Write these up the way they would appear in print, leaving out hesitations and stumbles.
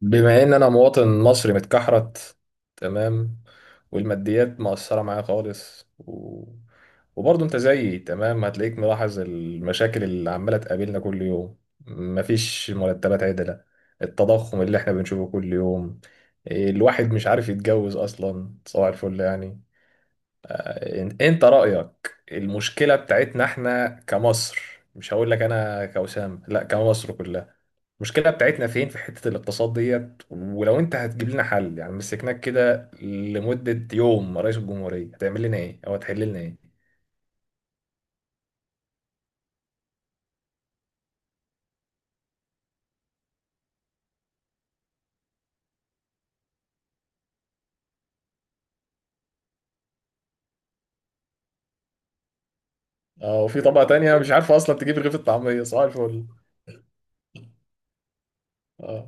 بما ان انا مواطن مصري متكحرت. تمام. والماديات مؤثرة معايا خالص وبرضه انت زيي، تمام، هتلاقيك ملاحظ المشاكل اللي عمالة تقابلنا كل يوم. مفيش مرتبات عدلة، التضخم اللي احنا بنشوفه كل يوم. إيه، الواحد مش عارف يتجوز اصلا، صباح الفل يعني. انت رأيك، المشكلة بتاعتنا احنا كمصر، مش هقول لك انا كوسام، لا كمصر كلها، المشكلة بتاعتنا فين في حتة الاقتصاد ديت؟ ولو انت هتجيب لنا حل، يعني مسكناك كده لمدة يوم رئيس الجمهورية، هتعمل لنا ايه او هتحل لنا ايه؟ اه، وفي طبقة تانية مش عارفة اصلا تجيب رغيف الطعمية، صباح الفل. اه.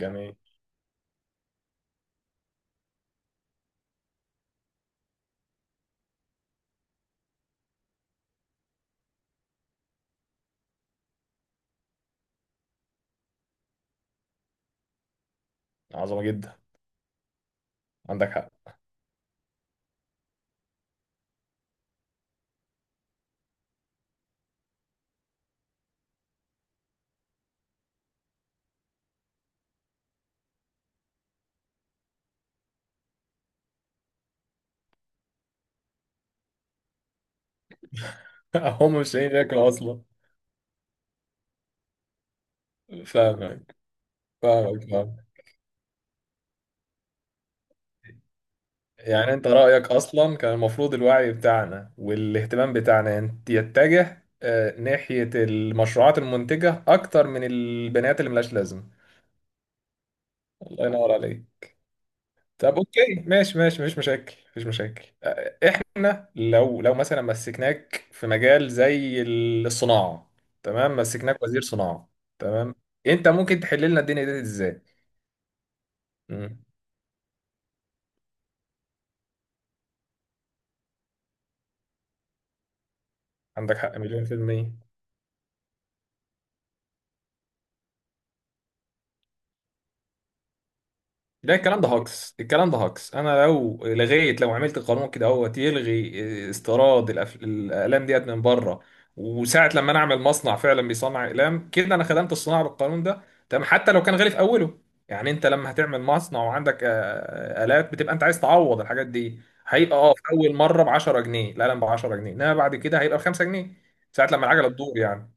جميل. عظمة جدا. عندك حق. هم مش لاقيين ياكلوا اصلا. فاهمك، فاهمك، فاهمك. يعني انت رأيك اصلا كان المفروض الوعي بتاعنا والاهتمام بتاعنا يتجه ناحية المشروعات المنتجة اكتر من البنات اللي ملهاش لازمة. الله ينور عليك. طب اوكي، ماشي ماشي، مفيش مشاكل مفيش مشاكل. احنا لو مثلا مسكناك في مجال زي الصناعه، تمام، مسكناك وزير صناعه. تمام. انت ممكن تحل لنا الدنيا دي ازاي؟ مم. عندك حق، مليون في المية. ده الكلام ده هاكس، الكلام ده هاكس. انا لو لغيت، لو عملت قانون كده اهوت يلغي استيراد الاقلام ديت من بره، وساعه لما انا اعمل مصنع فعلا بيصنع اقلام كده، انا خدمت الصناعه بالقانون ده. تمام، حتى لو كان غالي في اوله. يعني انت لما هتعمل مصنع وعندك الات، بتبقى انت عايز تعوض الحاجات دي. هيبقى اه في اول مره ب 10 جنيه، القلم ب 10 جنيه، انما بعد كده هيبقى ب 5 جنيه ساعه لما العجله تدور يعني.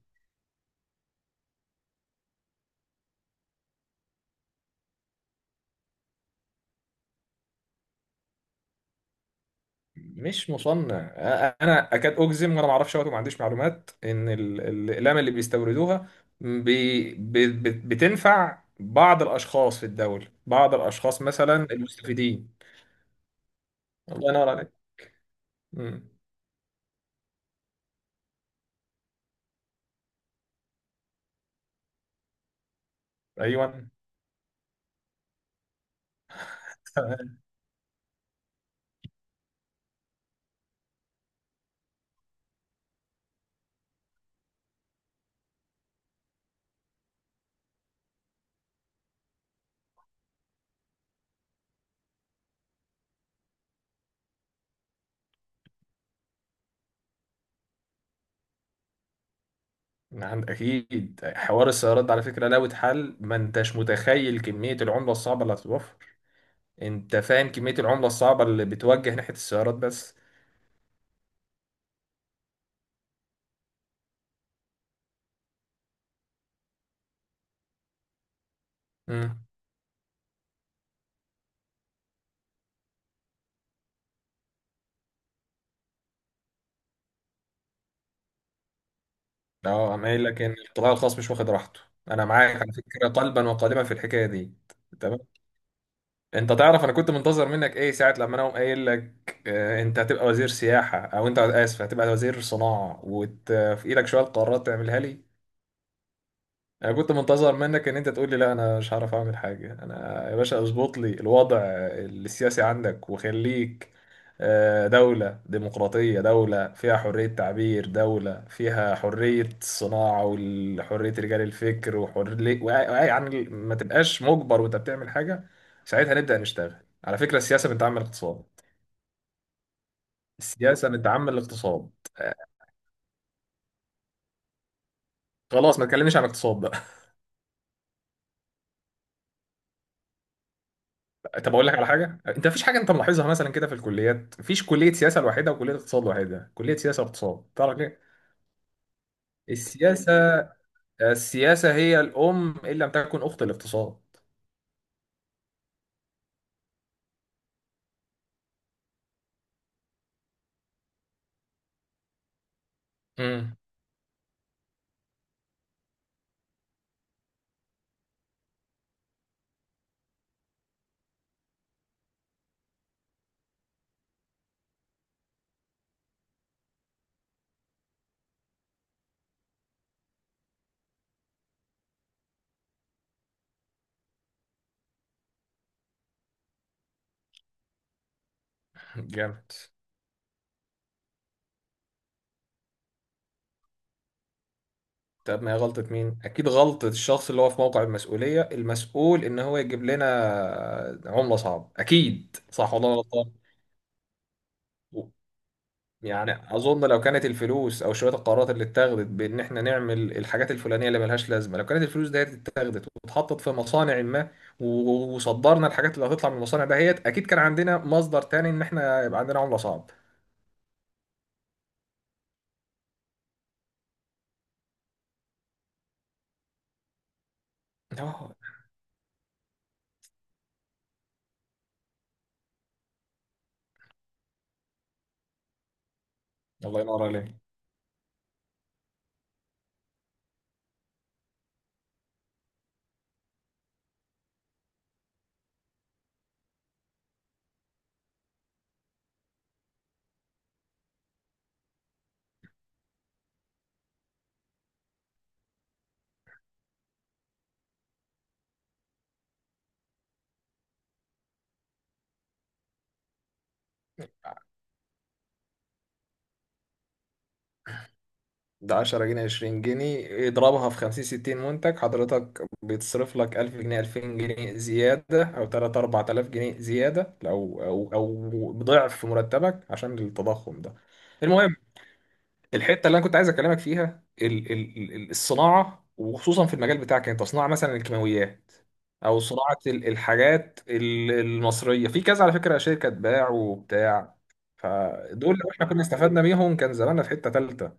مش مصنع، انا اكاد اجزم، وانا ما اعرفش وقت وما عنديش معلومات، ان الاقلام اللي بيستوردوها بي بي بتنفع بعض الاشخاص في الدوله، بعض الاشخاص مثلا المستفيدين. الله ينور عليك. مم. ايوه. تمام. عند اكيد، حوار السيارات ده على فكره لو اتحل ما انتش متخيل كميه العمله الصعبه اللي هتتوفر. انت فاهم كميه العمله الصعبه اللي بتوجه ناحيه السيارات بس؟ اه، انا قايل لك ان القطاع الخاص مش واخد راحته. انا معاك على فكره قلبا وقالبا في الحكايه دي. تمام. انت تعرف انا كنت منتظر منك ايه ساعه لما انا أقوم قايل لك انت هتبقى وزير سياحه، او انت، اسف، هتبقى وزير صناعه، وفي ايدك شويه قرارات تعملها لي؟ انا كنت منتظر منك ان انت تقول لي، لا انا مش هعرف اعمل حاجه، انا يا باشا اظبط لي الوضع السياسي عندك وخليك دولة ديمقراطية، دولة فيها حرية تعبير، دولة فيها حرية الصناعة وحرية رجال الفكر وحرية، يعني ما تبقاش مجبر وانت بتعمل حاجة. ساعتها نبدأ نشتغل. على فكرة السياسة بنتعمل اقتصاد، السياسة بنتعمل اقتصاد. آه، خلاص، ما تكلمنيش عن اقتصاد. طب اقول لك على حاجه، انت مفيش حاجه انت ملاحظها مثلا كده؟ في الكليات مفيش كليه سياسه لوحدها وكليه اقتصاد لوحدها، كليه سياسه واقتصاد، تعرف ليه؟ السياسه، السياسه هي الام ان لم تكن اخت الاقتصاد. امم جامد. طب ما هي غلطه مين؟ اكيد غلطه الشخص اللي هو في موقع المسؤوليه، المسؤول ان هو يجيب لنا عمله صعبه، اكيد، صح ولا أنا غلطان؟ يعني اظن لو كانت الفلوس او شويه القرارات اللي اتخذت بان احنا نعمل الحاجات الفلانيه اللي ملهاش لازمه، لو كانت الفلوس ديت اتخذت واتحطت في مصانع ما، وصدرنا الحاجات اللي هتطلع من المصانع دهيت، اكيد كان عندنا مصدر تاني ان احنا يبقى عندنا عمله صعب. اه، الله ينور عليك. ده 10 جنيه 20 جنيه اضربها في 50 60 منتج، حضرتك بيتصرف لك 1000 جنيه 2000 جنيه زياده، او 3 4000 جنيه زياده، او ضعف في مرتبك عشان التضخم ده. المهم، الحته اللي انا كنت عايز اكلمك فيها الصناعه، وخصوصا في المجال بتاعك انت، صناعه مثلا الكيماويات، او صناعه الحاجات المصريه في كذا. على فكره، شركه باع وبتاع، فدول لو احنا كنا استفدنا بيهم كان زماننا في حته ثالثه.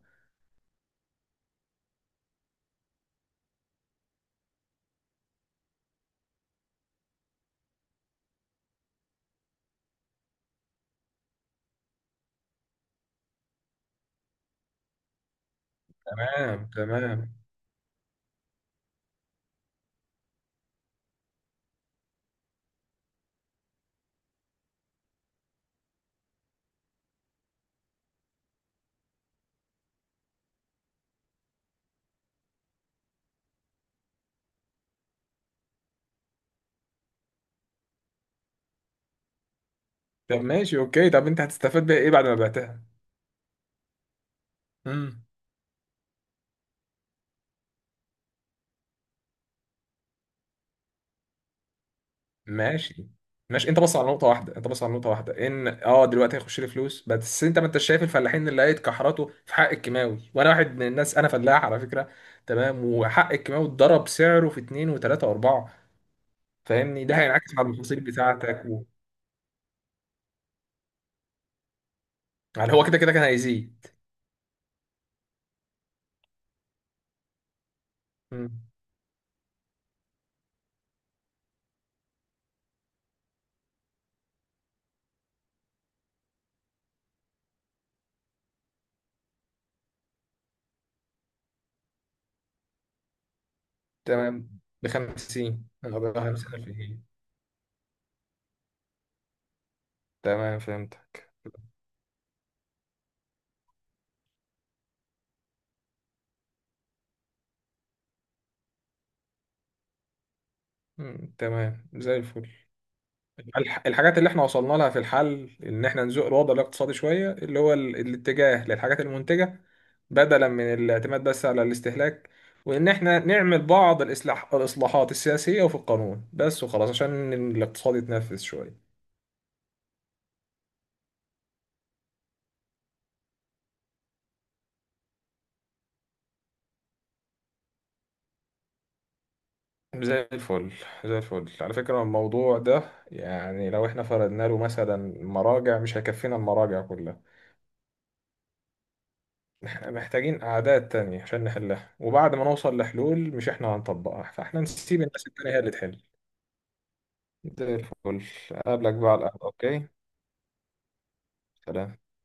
تمام تمام. طب ماشي اوكي، طب انت هتستفاد بيها ايه بعد ما بعتها؟ امم. ماشي ماشي، انت بص على نقطة واحدة، انت بص على نقطة واحدة، ان اه دلوقتي هيخش لي فلوس، بس انت ما انتش شايف الفلاحين اللي لقيت كحرته في حق الكيماوي؟ وانا واحد من الناس، انا فلاح على فكرة. تمام. وحق الكيماوي اتضرب سعره في اتنين وتلاتة واربعة. فاهمني، ده هينعكس على المحاصيل بتاعتك يعني هو كده كده كان هيزيد. مم. تمام، بخمسين، انا بقى 50. تمام، فهمتك. تمام زي الفل. الحاجات اللي احنا وصلنا لها في الحل ان احنا نزق الوضع الاقتصادي شوية، اللي هو الاتجاه للحاجات المنتجة بدلا من الاعتماد بس على الاستهلاك، وان احنا نعمل بعض الاصلاحات السياسية وفي القانون بس، وخلاص عشان الاقتصاد يتنفذ شوية. زي الفل، زي الفل. على فكرة الموضوع ده، يعني لو احنا فرضنا له مثلا مراجع، مش هيكفينا المراجع كلها. احنا محتاجين قعدات تانية عشان نحلها، وبعد ما نوصل لحلول مش احنا هنطبقها، فاحنا نسيب الناس التانية هي اللي تحل. زي الفل. أقابلك بقى على القهوة، أوكي. سلام.